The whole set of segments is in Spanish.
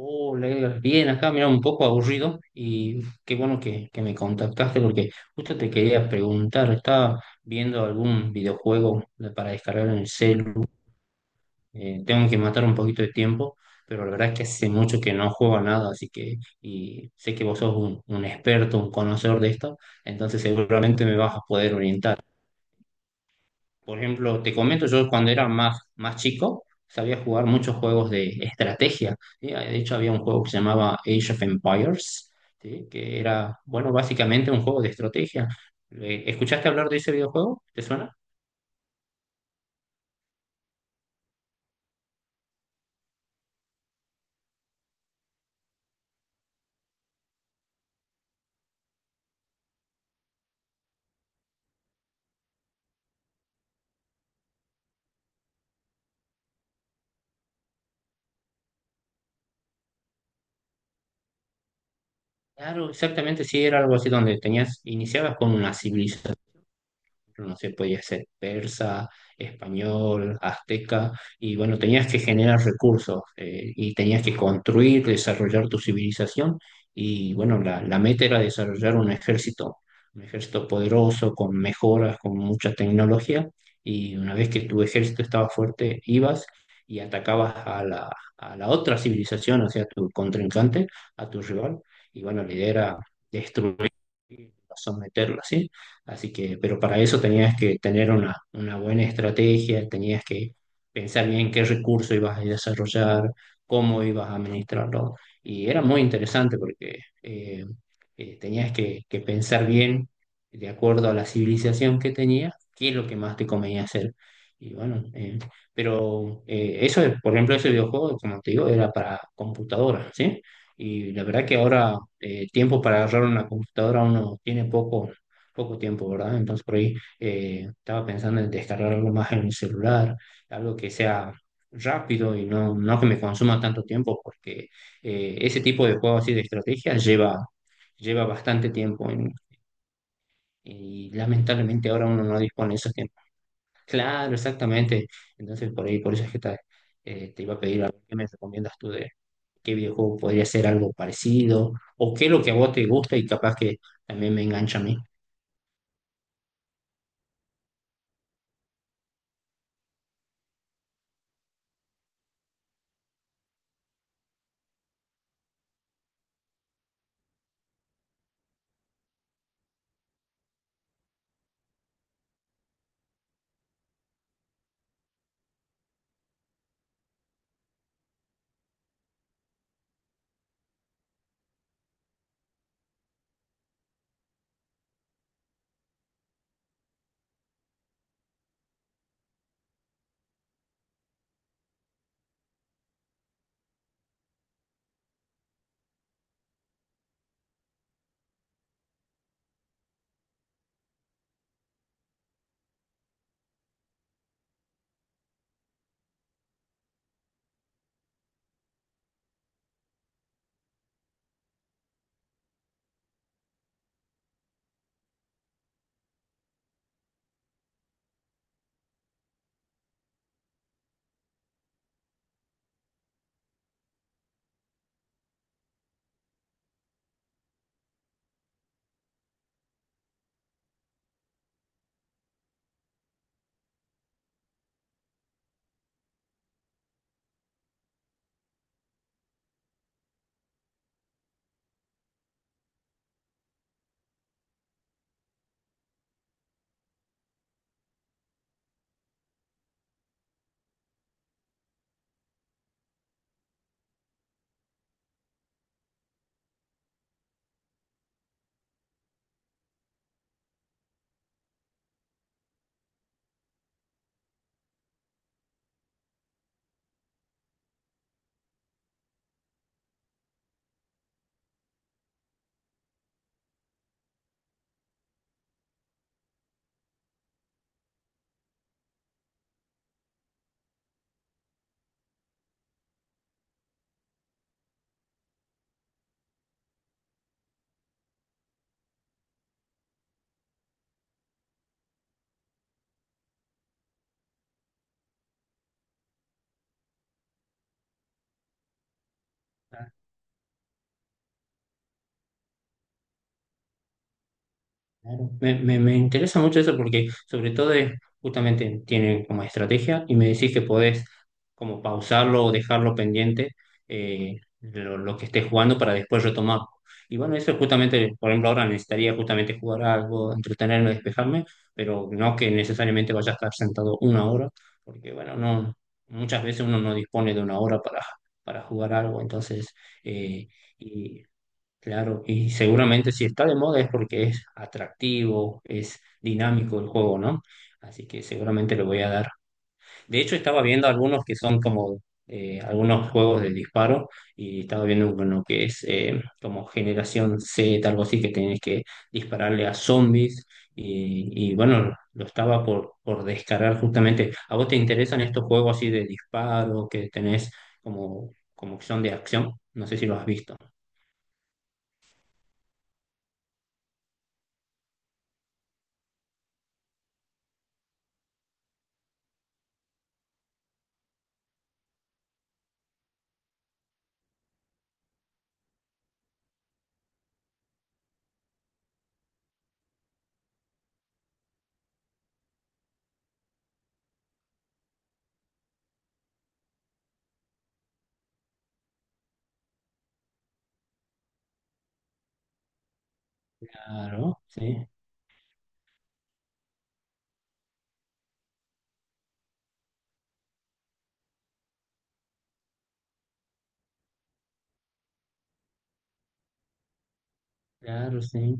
Oh, Leila, bien, acá mira un poco aburrido y qué bueno que me contactaste porque justo te quería preguntar, estaba viendo algún para descargar en el celu, tengo que matar un poquito de tiempo, pero la verdad es que hace mucho que no juego a nada, así que y sé que vos sos un experto, un conocedor de esto, entonces seguramente me vas a poder orientar. Por ejemplo, te comento, yo cuando era más chico sabía jugar muchos juegos de estrategia, ¿sí? De hecho, había un juego que se llamaba Age of Empires, ¿sí?, que era, bueno, básicamente un juego de estrategia. ¿Escuchaste hablar de ese videojuego? ¿Te suena? Claro, exactamente, sí, era algo así donde tenías, iniciabas con una civilización, no sé, podía ser persa, español, azteca, y bueno, tenías que generar recursos, y tenías que construir, desarrollar tu civilización, y bueno, la meta era desarrollar un ejército poderoso, con mejoras, con mucha tecnología, y una vez que tu ejército estaba fuerte, ibas y atacabas a a la otra civilización, o sea, a tu contrincante, a tu rival, y bueno, la idea era destruir, someterla, ¿sí? Así que, pero para eso tenías que tener una buena estrategia, tenías que pensar bien qué recurso ibas a desarrollar, cómo ibas a administrarlo. Y era muy interesante porque tenías que pensar bien, de acuerdo a la civilización que tenías, qué es lo que más te convenía hacer. Y bueno, pero por ejemplo, ese videojuego, como te digo, era para computadora, ¿sí? Y la verdad que ahora tiempo para agarrar una computadora uno tiene poco tiempo, ¿verdad? Entonces por ahí estaba pensando en descargar algo más en mi celular, algo que sea rápido y no, no que me consuma tanto tiempo, porque ese tipo de juegos así de estrategia lleva bastante tiempo y lamentablemente ahora uno no dispone de esos tiempos. Claro, exactamente. Entonces por ahí, por eso es que te iba a pedir, a ver, ¿qué me recomiendas tú de qué videojuego podría ser algo parecido o qué es lo que a vos te gusta y capaz que también me engancha a mí? Claro. Me interesa mucho eso porque sobre todo es, justamente tiene como estrategia y me decís que podés como pausarlo o dejarlo pendiente, lo que estés jugando para después retomarlo. Y bueno, eso es justamente, por ejemplo, ahora necesitaría justamente jugar algo, entretenerme, despejarme, pero no que necesariamente vaya a estar sentado una hora, porque bueno, no, muchas veces uno no dispone de una hora para jugar algo, entonces eh, y claro, y seguramente si está de moda es porque es atractivo, es dinámico el juego, ¿no? Así que seguramente le voy a dar. De hecho, estaba viendo algunos que son como algunos juegos de disparo y estaba viendo uno que es como Generación Z, algo así, que tenés que dispararle a zombies y bueno, lo estaba por descargar justamente. ¿A vos te interesan estos juegos así de disparo que tenés como que son de acción? No sé si lo has visto. Claro, sí. Claro, sí.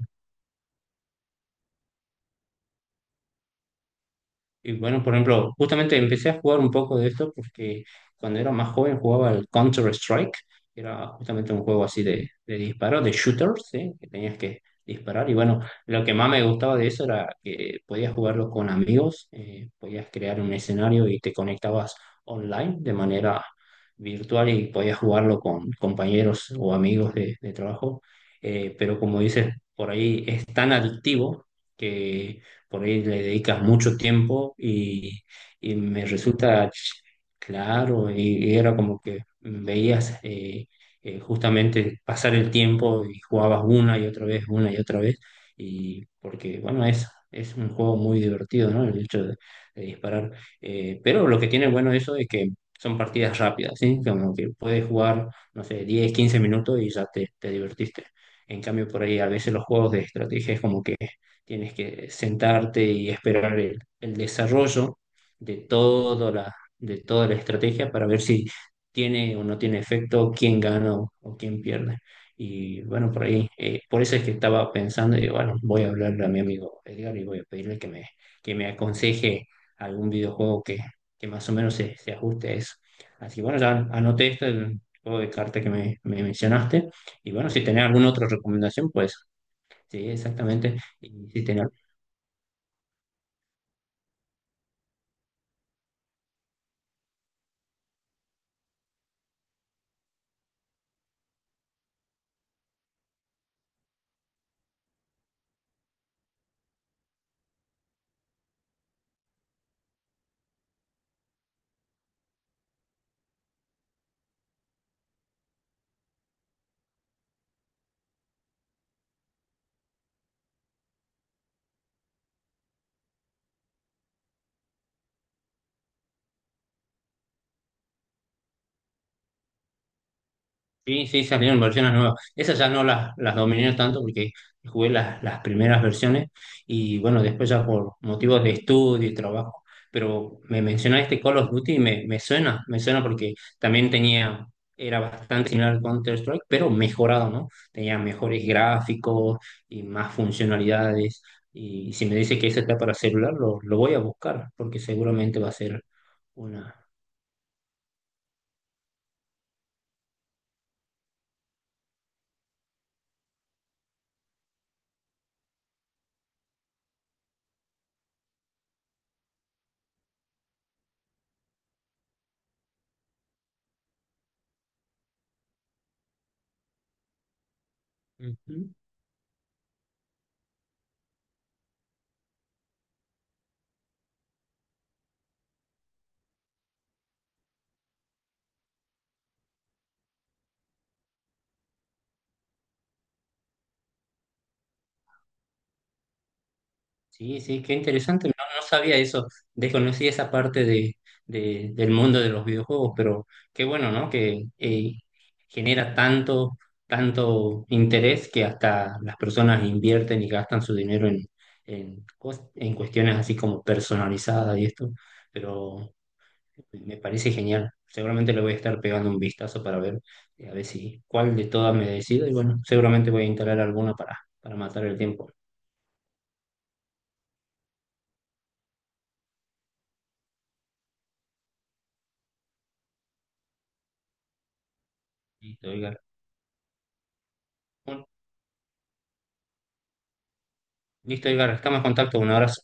Y bueno, por ejemplo, justamente empecé a jugar un poco de esto porque cuando era más joven jugaba el Counter-Strike, que era justamente un juego así de disparo, de shooters, ¿sí? Que tenías que disparar. Y bueno, lo que más me gustaba de eso era que podías jugarlo con amigos, podías crear un escenario y te conectabas online de manera virtual y podías jugarlo con compañeros o amigos de trabajo. Pero como dices, por ahí es tan adictivo que por ahí le dedicas mucho tiempo y, y me resulta ch- claro, y era como que veías justamente pasar el tiempo y jugabas una y otra vez, una y otra vez, y porque, bueno, es un juego muy divertido, ¿no? El hecho de disparar. Pero lo que tiene bueno eso es que son partidas rápidas, ¿sí? Como que puedes jugar, no sé, 10, 15 minutos y ya te divertiste. En cambio, por ahí a veces los juegos de estrategia es como que tienes que sentarte y esperar el desarrollo de, toda de toda la estrategia para ver si tiene o no tiene efecto, quién gana o quién pierde. Y bueno, por ahí, por eso es que estaba pensando, y bueno, voy a hablarle a mi amigo Edgar y voy a pedirle que me aconseje algún videojuego que más o menos se ajuste a eso. Así que bueno, ya anoté esto, el juego de cartas me mencionaste. Y bueno, si tenés alguna otra recomendación, pues sí, exactamente. Y si tenés sí, sí, salieron versiones nuevas. Esas ya no las dominé tanto porque jugué las primeras versiones y bueno, después ya por motivos de estudio y trabajo. Pero me mencionaste Call of Duty y me suena porque también tenía, era bastante similar al Counter-Strike, pero mejorado, ¿no? Tenía mejores gráficos y más funcionalidades. Y si me dice que ese está para celular, lo voy a buscar porque seguramente va a ser una. Sí, sí, qué interesante. No, no sabía eso. Desconocí esa parte de, del mundo de los videojuegos, pero qué bueno, ¿no? Que genera tanto, tanto interés que hasta las personas invierten y gastan su dinero en, en cuestiones así como personalizadas y esto. Pero me parece genial. Seguramente le voy a estar pegando un vistazo para ver, a ver si cuál de todas me decido. Y bueno, seguramente voy a instalar alguna para matar el tiempo. Listo, oiga. Listo, Edgar, estamos en contacto. Un abrazo.